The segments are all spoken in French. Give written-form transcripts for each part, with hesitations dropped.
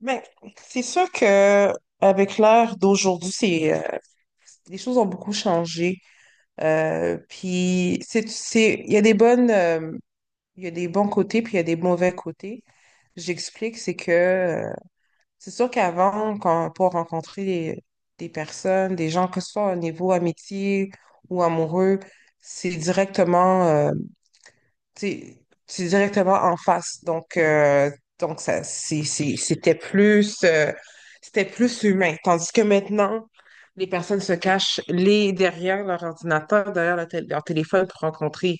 Ben, c'est sûr que avec l'ère d'aujourd'hui, c'est les choses ont beaucoup changé. Puis c'est il y a des bonnes il y a des bons côtés puis il y a des mauvais côtés. J'explique, c'est que c'est sûr qu'avant, quand pour rencontrer des personnes, des gens, que ce soit au niveau amitié ou amoureux, c'est directement c'est c'est directement en face. Donc ça, c'était plus humain. Tandis que maintenant, les personnes se cachent les, derrière leur ordinateur, derrière leur, leur téléphone pour rencontrer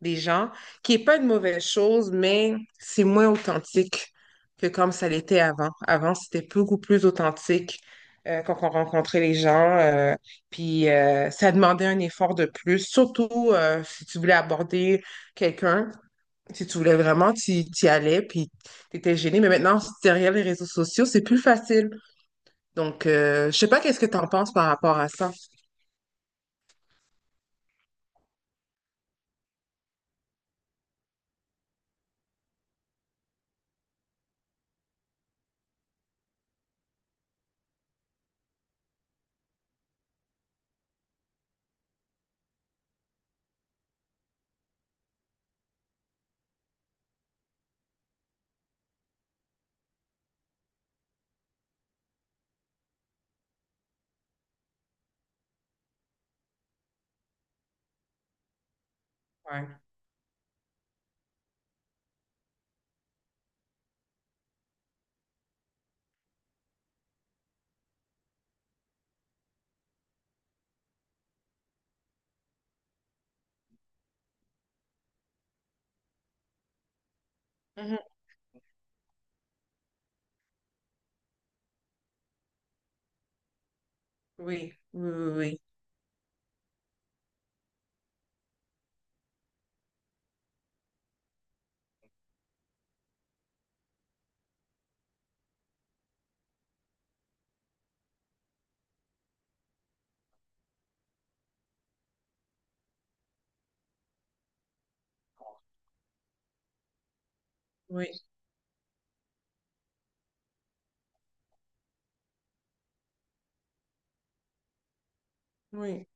des gens, qui n'est pas une mauvaise chose, mais c'est moins authentique que comme ça l'était avant. Avant, c'était beaucoup plus authentique quand on rencontrait les gens, puis ça demandait un effort de plus, surtout si tu voulais aborder quelqu'un, si tu voulais vraiment, tu y allais, puis tu étais gêné. Mais maintenant, si derrière les réseaux sociaux, c'est plus facile. Je sais pas qu'est-ce que tu en penses par rapport à ça. Ouais. Mhm. Oui, oui, oui, oui, oui. Oui,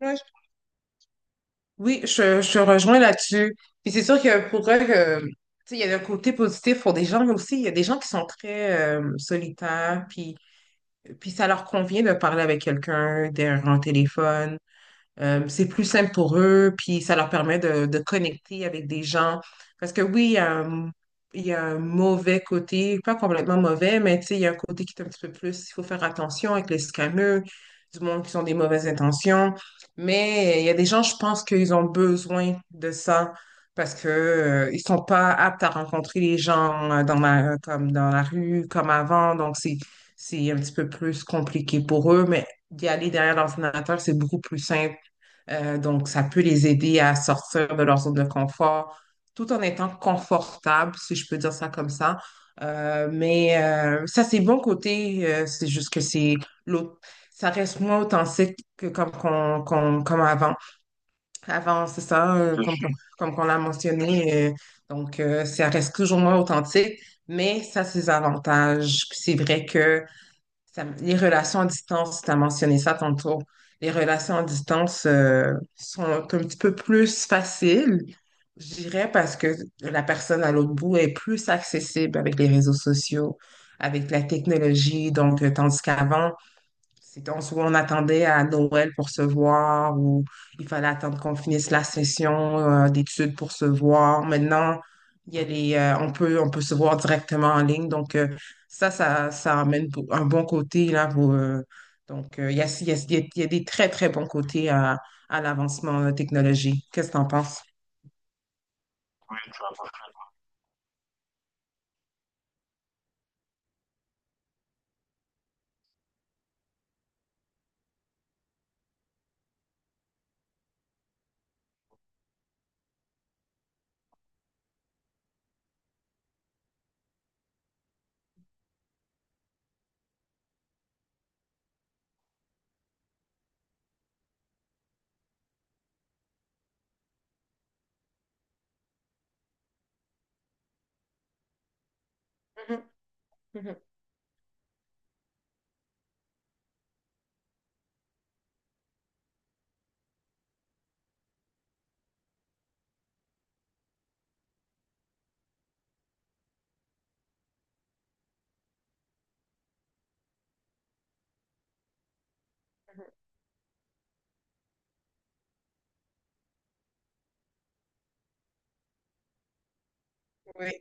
ouais, oui, je te rejoins là-dessus. Puis c'est sûr que pour eux, que, tu sais, il y a un côté positif pour des gens, mais aussi il y a des gens qui sont très solitaires, puis ça leur convient de parler avec quelqu'un, derrière un téléphone. C'est plus simple pour eux, puis ça leur permet de connecter avec des gens. Parce que oui, il y a un mauvais côté, pas complètement mauvais, mais tu sais, il y a un côté qui est un petit peu plus, il faut faire attention avec les scammers, du monde qui ont des mauvaises intentions. Mais il y a des gens, je pense qu'ils ont besoin de ça parce que, ils sont pas aptes à rencontrer les gens dans la, comme dans la rue, comme avant. Donc, c'est un petit peu plus compliqué pour eux, mais d'y aller derrière l'ordinateur, c'est beaucoup plus simple donc, ça peut les aider à sortir de leur zone de confort tout en étant confortable, si je peux dire ça comme ça. Ça, c'est bon côté. C'est juste que c'est l'autre. Ça reste moins authentique que comme avant. Avant, c'est ça, comme qu'on l'a mentionné. Ça reste toujours moins authentique, mais ça, c'est avantages. Puis c'est vrai que les relations à distance, tu as mentionné ça tantôt. Les relations à distance sont un petit peu plus faciles, je dirais, parce que la personne à l'autre bout est plus accessible avec les réseaux sociaux, avec la technologie. Tandis qu'avant, soit on attendait à Noël pour se voir ou il fallait attendre qu'on finisse la session d'études pour se voir. Maintenant, il y a les, on peut se voir directement en ligne. Ça amène un bon côté là. Pour, donc, il y a, il y a- il y a- Il y a des très, très bons côtés à l'avancement de la technologie. Qu'est-ce que tu en penses? Mhm, mhm. Oui.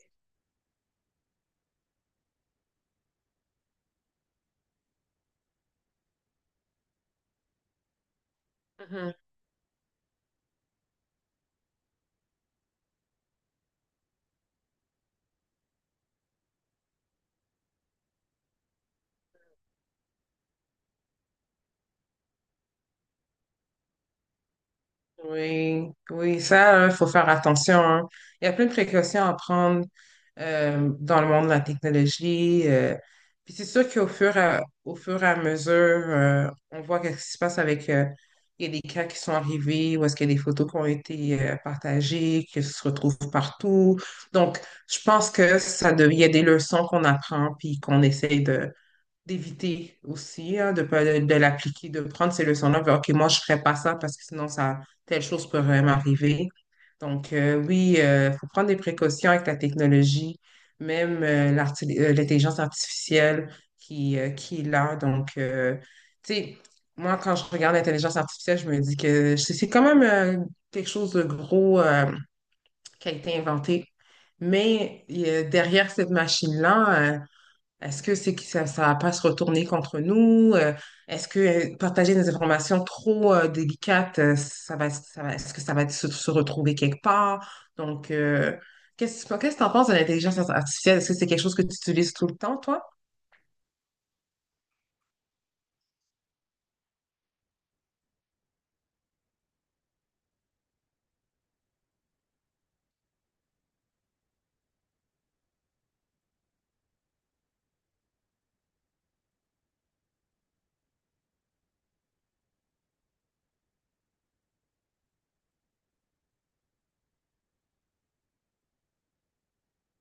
Mhm. Oui, oui, ça, il faut faire attention, hein. Il y a plein de précautions à prendre dans le monde de la technologie. Puis c'est sûr qu'au fur et à mesure, on voit qu'est-ce qui se passe avec... il y a des cas qui sont arrivés ou est-ce qu'il y a des photos qui ont été partagées, qui se retrouvent partout. Donc, je pense que il y a des leçons qu'on apprend puis qu'on essaye d'éviter aussi, hein, de, pas- de l'appliquer, de prendre ces leçons-là. Puis, OK, moi, je ne ferai pas ça parce que sinon, ça, telle chose pourrait m'arriver. Oui, il faut prendre des précautions avec la technologie, même l'intelligence artificielle qui est là. Tu sais, moi, quand je regarde l'intelligence artificielle, je me dis que c'est quand même quelque chose de gros qui a été inventé. Mais derrière cette machine-là, est-ce que c'est que ça va pas se retourner contre nous? Est-ce que partager des informations trop délicates, est-ce que ça va se, se retrouver quelque part? Qu'est-ce que tu en penses de l'intelligence artificielle? Est-ce que c'est quelque chose que tu utilises tout le temps, toi?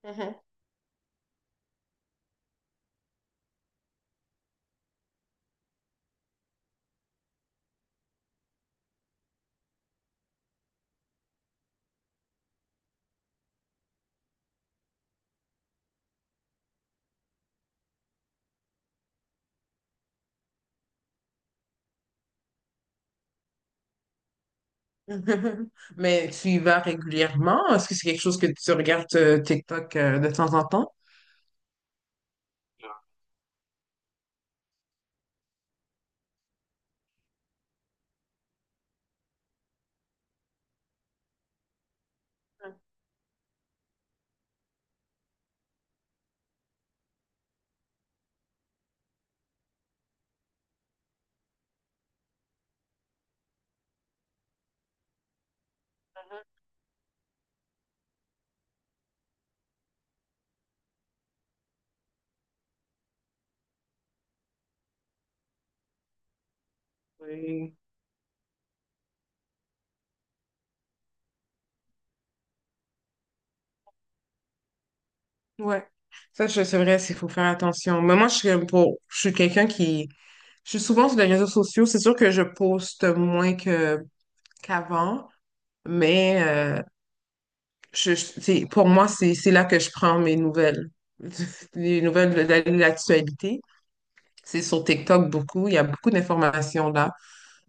Mhm. Mais tu y vas régulièrement? Est-ce que c'est quelque chose que tu regardes TikTok de temps en temps? Mhm. Ouais. C'est vrai, il faut faire attention. Mais moi, je suis pour, je suis quelqu'un qui, je suis souvent sur les réseaux sociaux. C'est sûr que je poste moins que qu'avant, mais pour moi, c'est là que je prends mes nouvelles, les nouvelles de l'actualité. C'est sur TikTok beaucoup. Il y a beaucoup d'informations là.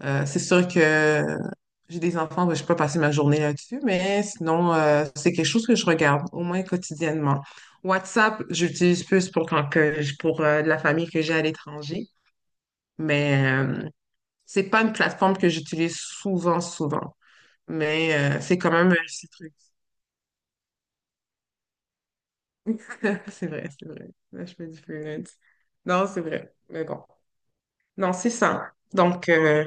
C'est sûr que j'ai des enfants, ben, je peux passer ma journée là-dessus, mais sinon, c'est quelque chose que je regarde, au moins quotidiennement. WhatsApp, j'utilise plus pour pour de la famille que j'ai à l'étranger, mais c'est pas une plateforme que j'utilise souvent, souvent. Mais c'est quand même un petit truc. C'est vrai, c'est vrai. Là, je me dis freelance. Non, c'est vrai. Mais bon. Non, c'est ça.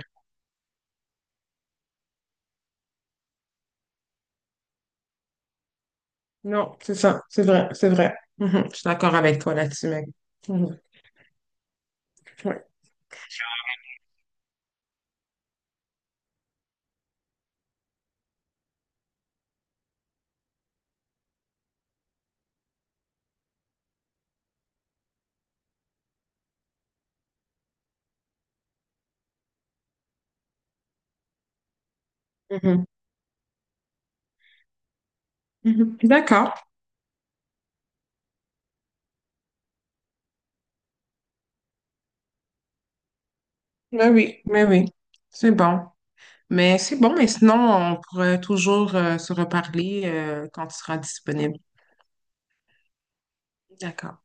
Non, c'est ça. C'est vrai, c'est vrai. Mhm. Je suis d'accord avec toi là-dessus, mec. Ouais. Mhm. Mhm. D'accord. Mais oui, mais oui. C'est bon. Mais c'est bon, mais sinon, on pourrait toujours se reparler quand tu seras disponible. D'accord.